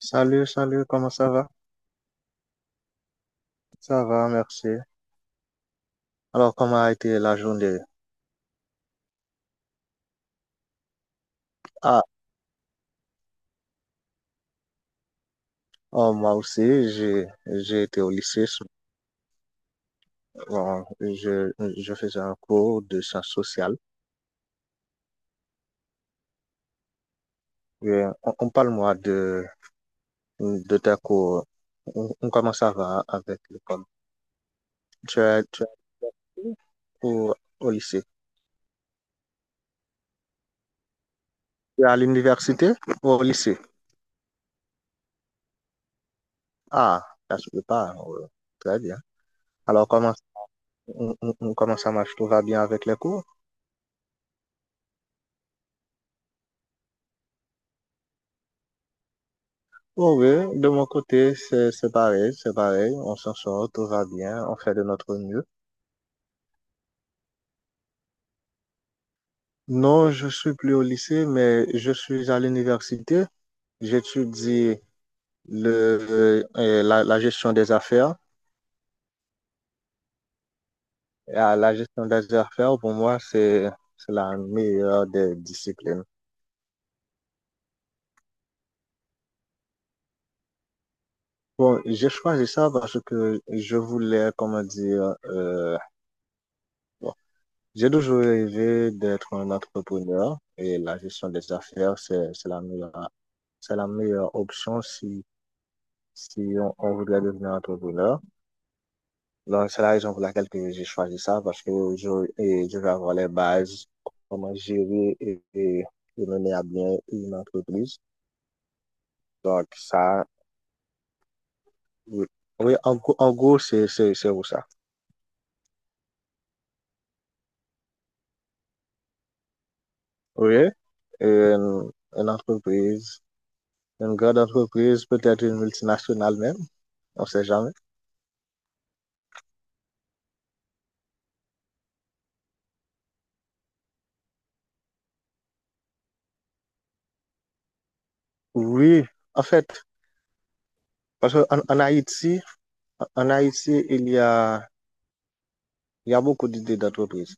Salut, salut, comment ça va? Ça va, merci. Alors, comment a été la journée? Ah, oh, moi aussi, j'ai été au lycée. Bon, je faisais un cours de sciences sociales. Et on parle-moi de ta cours. Comment ça va avec l'école? Tu es au, au lycée? Tu es à l'université ou au lycée? Ah, ça se peut pas. Ouais. Très bien. Alors, comment, on- Comment ça marche? Tout va bien avec les cours? Oh oui, de mon côté, c'est pareil, c'est pareil. On s'en sort, tout va bien, on fait de notre mieux. Non, je suis plus au lycée, mais je suis à l'université. J'étudie la gestion des affaires. Et à la gestion des affaires, pour moi, c'est la meilleure des disciplines. Bon, j'ai choisi ça parce que je voulais, comment dire, bon, j'ai toujours rêvé d'être un entrepreneur et la gestion des affaires, c'est la meilleure, c'est la meilleure option si, si on voudrait devenir entrepreneur. Donc, c'est la raison pour laquelle que j'ai choisi ça, parce que je, et je vais avoir les bases, comment gérer et mener à bien une entreprise. Donc, ça, oui, oui, en gros, c'est où ça. Oui, une, une entreprise, une grande entreprise, peut-être une multinationale même, on ne sait jamais. Oui, en fait, parce qu'en en Haïti, il y a beaucoup d'idées d'entreprises.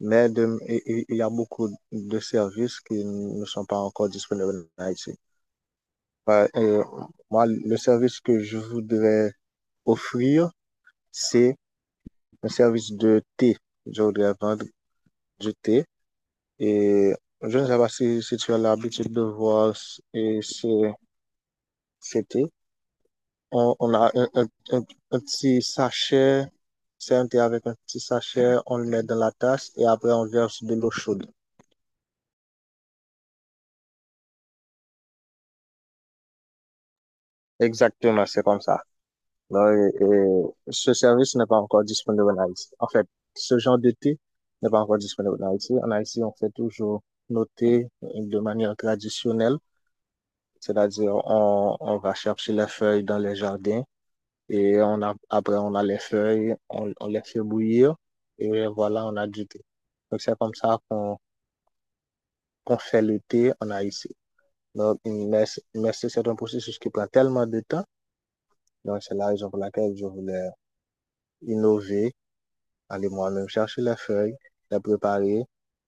Y a beaucoup de services qui ne sont pas encore disponibles en Haïti. Euh, euh, Moi, le service que je voudrais offrir, c'est un service de thé. Je voudrais vendre du thé et je ne sais pas si, si tu as l'habitude de voir ces thés. On a un petit sachet, c'est un thé avec un petit sachet, on le met dans la tasse et après on verse de l'eau chaude. Exactement, c'est comme ça. Là, et ce service n'est pas encore disponible en Haïti. En fait, ce genre de thé n'est pas encore disponible en Haïti. En Haïti, on fait toujours nos thés de manière traditionnelle, c'est-à-dire on va chercher les feuilles dans les jardins et on a, après on a les feuilles, on les fait bouillir et voilà, on a du thé. Donc c'est comme ça qu'on fait le thé en Haïti. Donc, mais, mais c'est un processus qui prend tellement de temps. Donc c'est la raison pour laquelle je voulais innover, aller moi-même chercher les feuilles, les préparer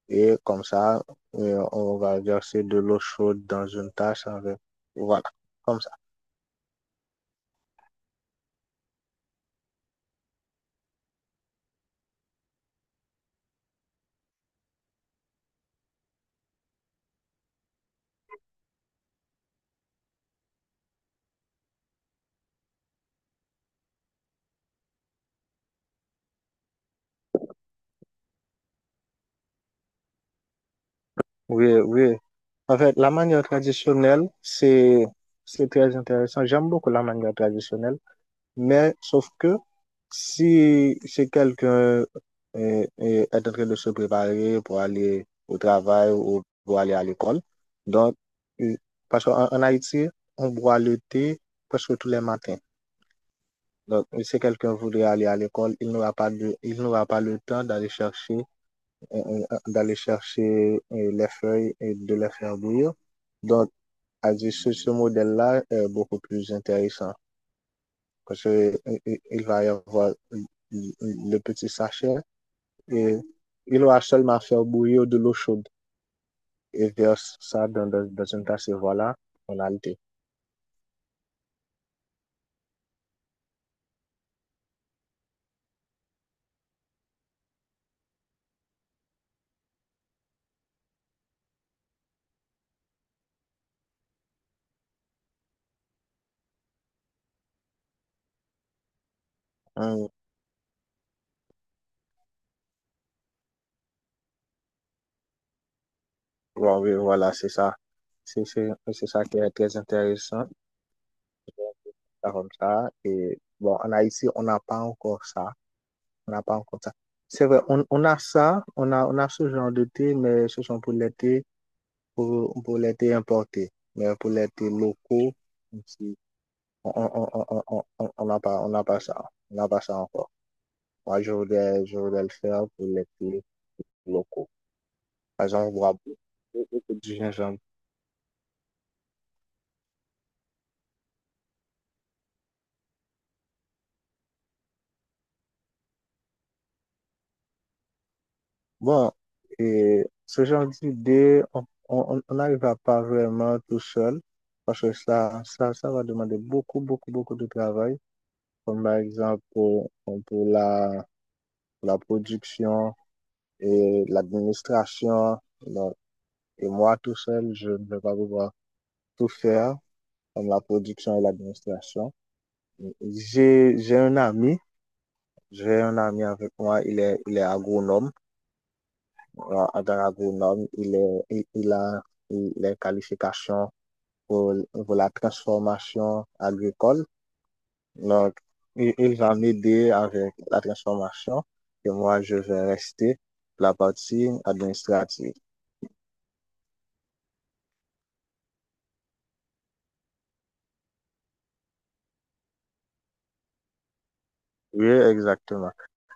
et comme ça, on va verser de l'eau chaude dans une tasse avec. Voilà, comme ça. Oui, oui. En fait, la manière traditionnelle, c'est très intéressant. J'aime beaucoup la manière traditionnelle, mais sauf que si, si quelqu'un euh, est en train de se préparer pour aller au travail ou pour aller à l'école, donc, euh, parce qu'en en Haïti, on boit le thé presque tous les matins. Donc, si quelqu'un voudrait aller à l'école, il n'aura pas le temps d'aller chercher les feuilles et de les faire bouillir. Donc, à dire ce modèle-là est beaucoup plus intéressant parce que il va y avoir le petit sachet et il aura seulement à faire bouillir de l'eau chaude et verse ça dans une tasse et voilà, on a le thé. Hum, ouais, ouais, voilà, c'est ça. C'est ça qui est très intéressant. Ça comme ça. Et bon, en Haïti, on n'a pas encore ça. On n'a pas encore ça. C'est vrai, on a ça, on a ce genre de thé, mais ce sont pour les thés, pour les thés importés. Mais pour les thés locaux, ici, on n'a pas ça. On n'a pas ça encore. Moi, je voudrais le faire pour les thés locaux. Par exemple, on voit beaucoup de gingembre. Bon, et ce genre d'idée, on n'arrivera pas vraiment tout seul parce que ça va demander beaucoup, beaucoup, beaucoup de travail, comme par exemple pour la, pour la production et l'administration. Donc, et moi, tout seul, je ne vais pas pouvoir tout faire, comme la production et l'administration. J'ai, j'ai un ami, j'ai un ami avec moi, il est agronome. Voilà, en tant il a les qualifications pour, pour la transformation agricole. Donc, il va m'aider avec la transformation et moi, je vais rester la partie administrative. Oui, exactement.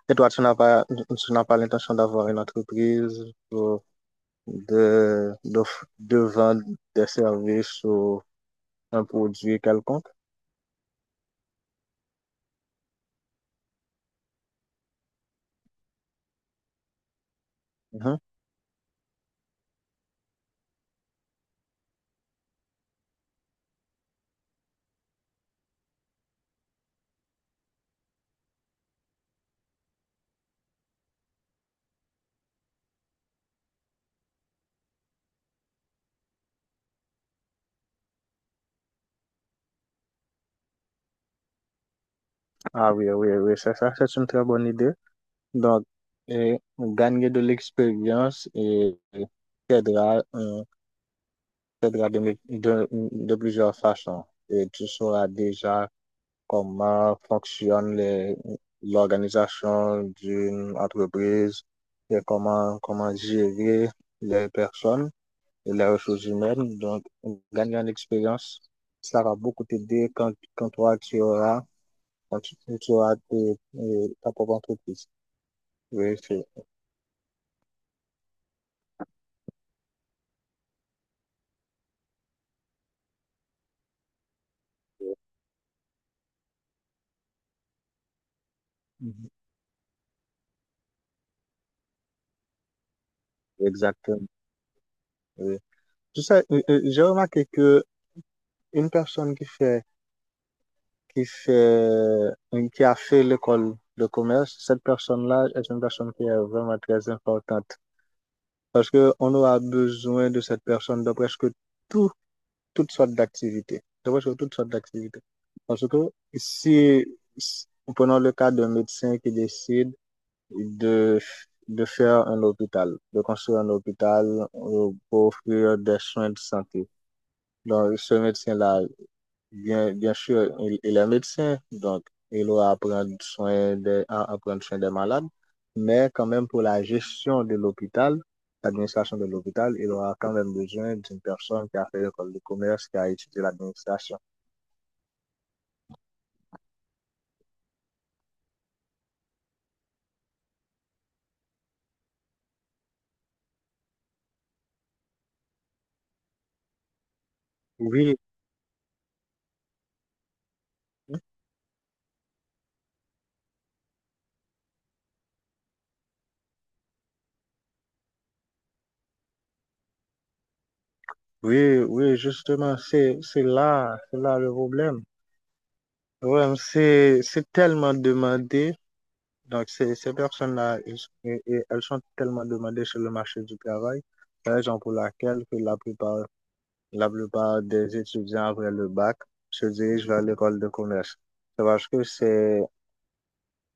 Et toi, tu n'as pas l'intention d'avoir une entreprise pour- de, de, de vendre des services ou un produit quelconque? Mhm. Ah oui, oui, oui, c'est ça, c'est une très bonne idée. Donc, gagner de l'expérience et t'aidera, euh, t'aidera de plusieurs façons. Et tu sauras déjà comment fonctionne l'organisation d'une entreprise et comment gérer les personnes et les ressources humaines. Donc, gagner en expérience, ça va beaucoup t'aider quand toi, quand tu auras ta propre entreprise. Oui, c'est. Mhm. Exactement. Oui. Tu sais, j'ai remarqué que une personne qui fait, euh, qui a fait l'école de commerce, cette personne-là est une personne qui est vraiment très importante parce que on aura besoin de cette personne dans presque tout, toutes sortes d'activités, dans presque toutes sortes d'activités. Parce que si, si- prenons le cas d'un médecin qui décide de, de faire un hôpital, de construire un hôpital pour offrir des soins de santé. Donc, ce médecin-là, bien, bien sûr, il est médecin, donc il doit prendre soin à prendre soin des malades, mais quand même pour la gestion de l'hôpital, l'administration de l'hôpital, il aura quand même besoin d'une personne qui a fait l'école de commerce, qui a étudié l'administration. Oui, oui, oui, justement, c'est là le problème. Le problème, c'est tellement demandé. Donc, ces personnes-là, et elles sont tellement demandées sur le marché du travail, raison pour laquelle que la plupart des étudiants après le bac se dirigent vers l'école de commerce. C'est parce que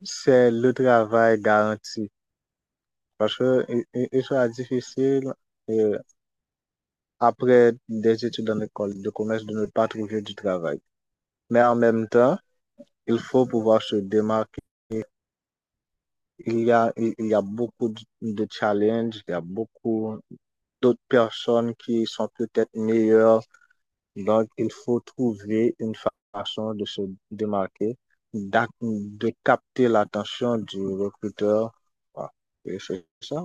c'est le travail garanti. Parce que il sera difficile, euh, après des études en école de commerce de ne pas trouver du travail. Mais en même temps, il faut pouvoir se démarquer. Il y a beaucoup de challenges, il y a beaucoup d'autres personnes qui sont peut-être meilleures. Donc, il faut trouver une façon de se démarquer, de capter l'attention du recruteur. Voilà. Oui, c'est ça.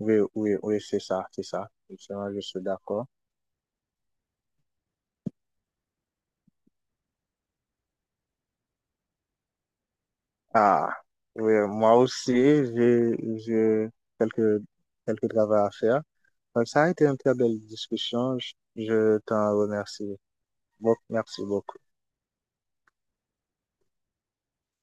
Oui, oui, oui, c'est ça, c'est ça. Justement je suis d'accord. Ah, oui, moi aussi, j'ai quelques, quelques travaux à faire. Donc, ça a été une très belle discussion. Je t'en remercie. Bon, merci beaucoup.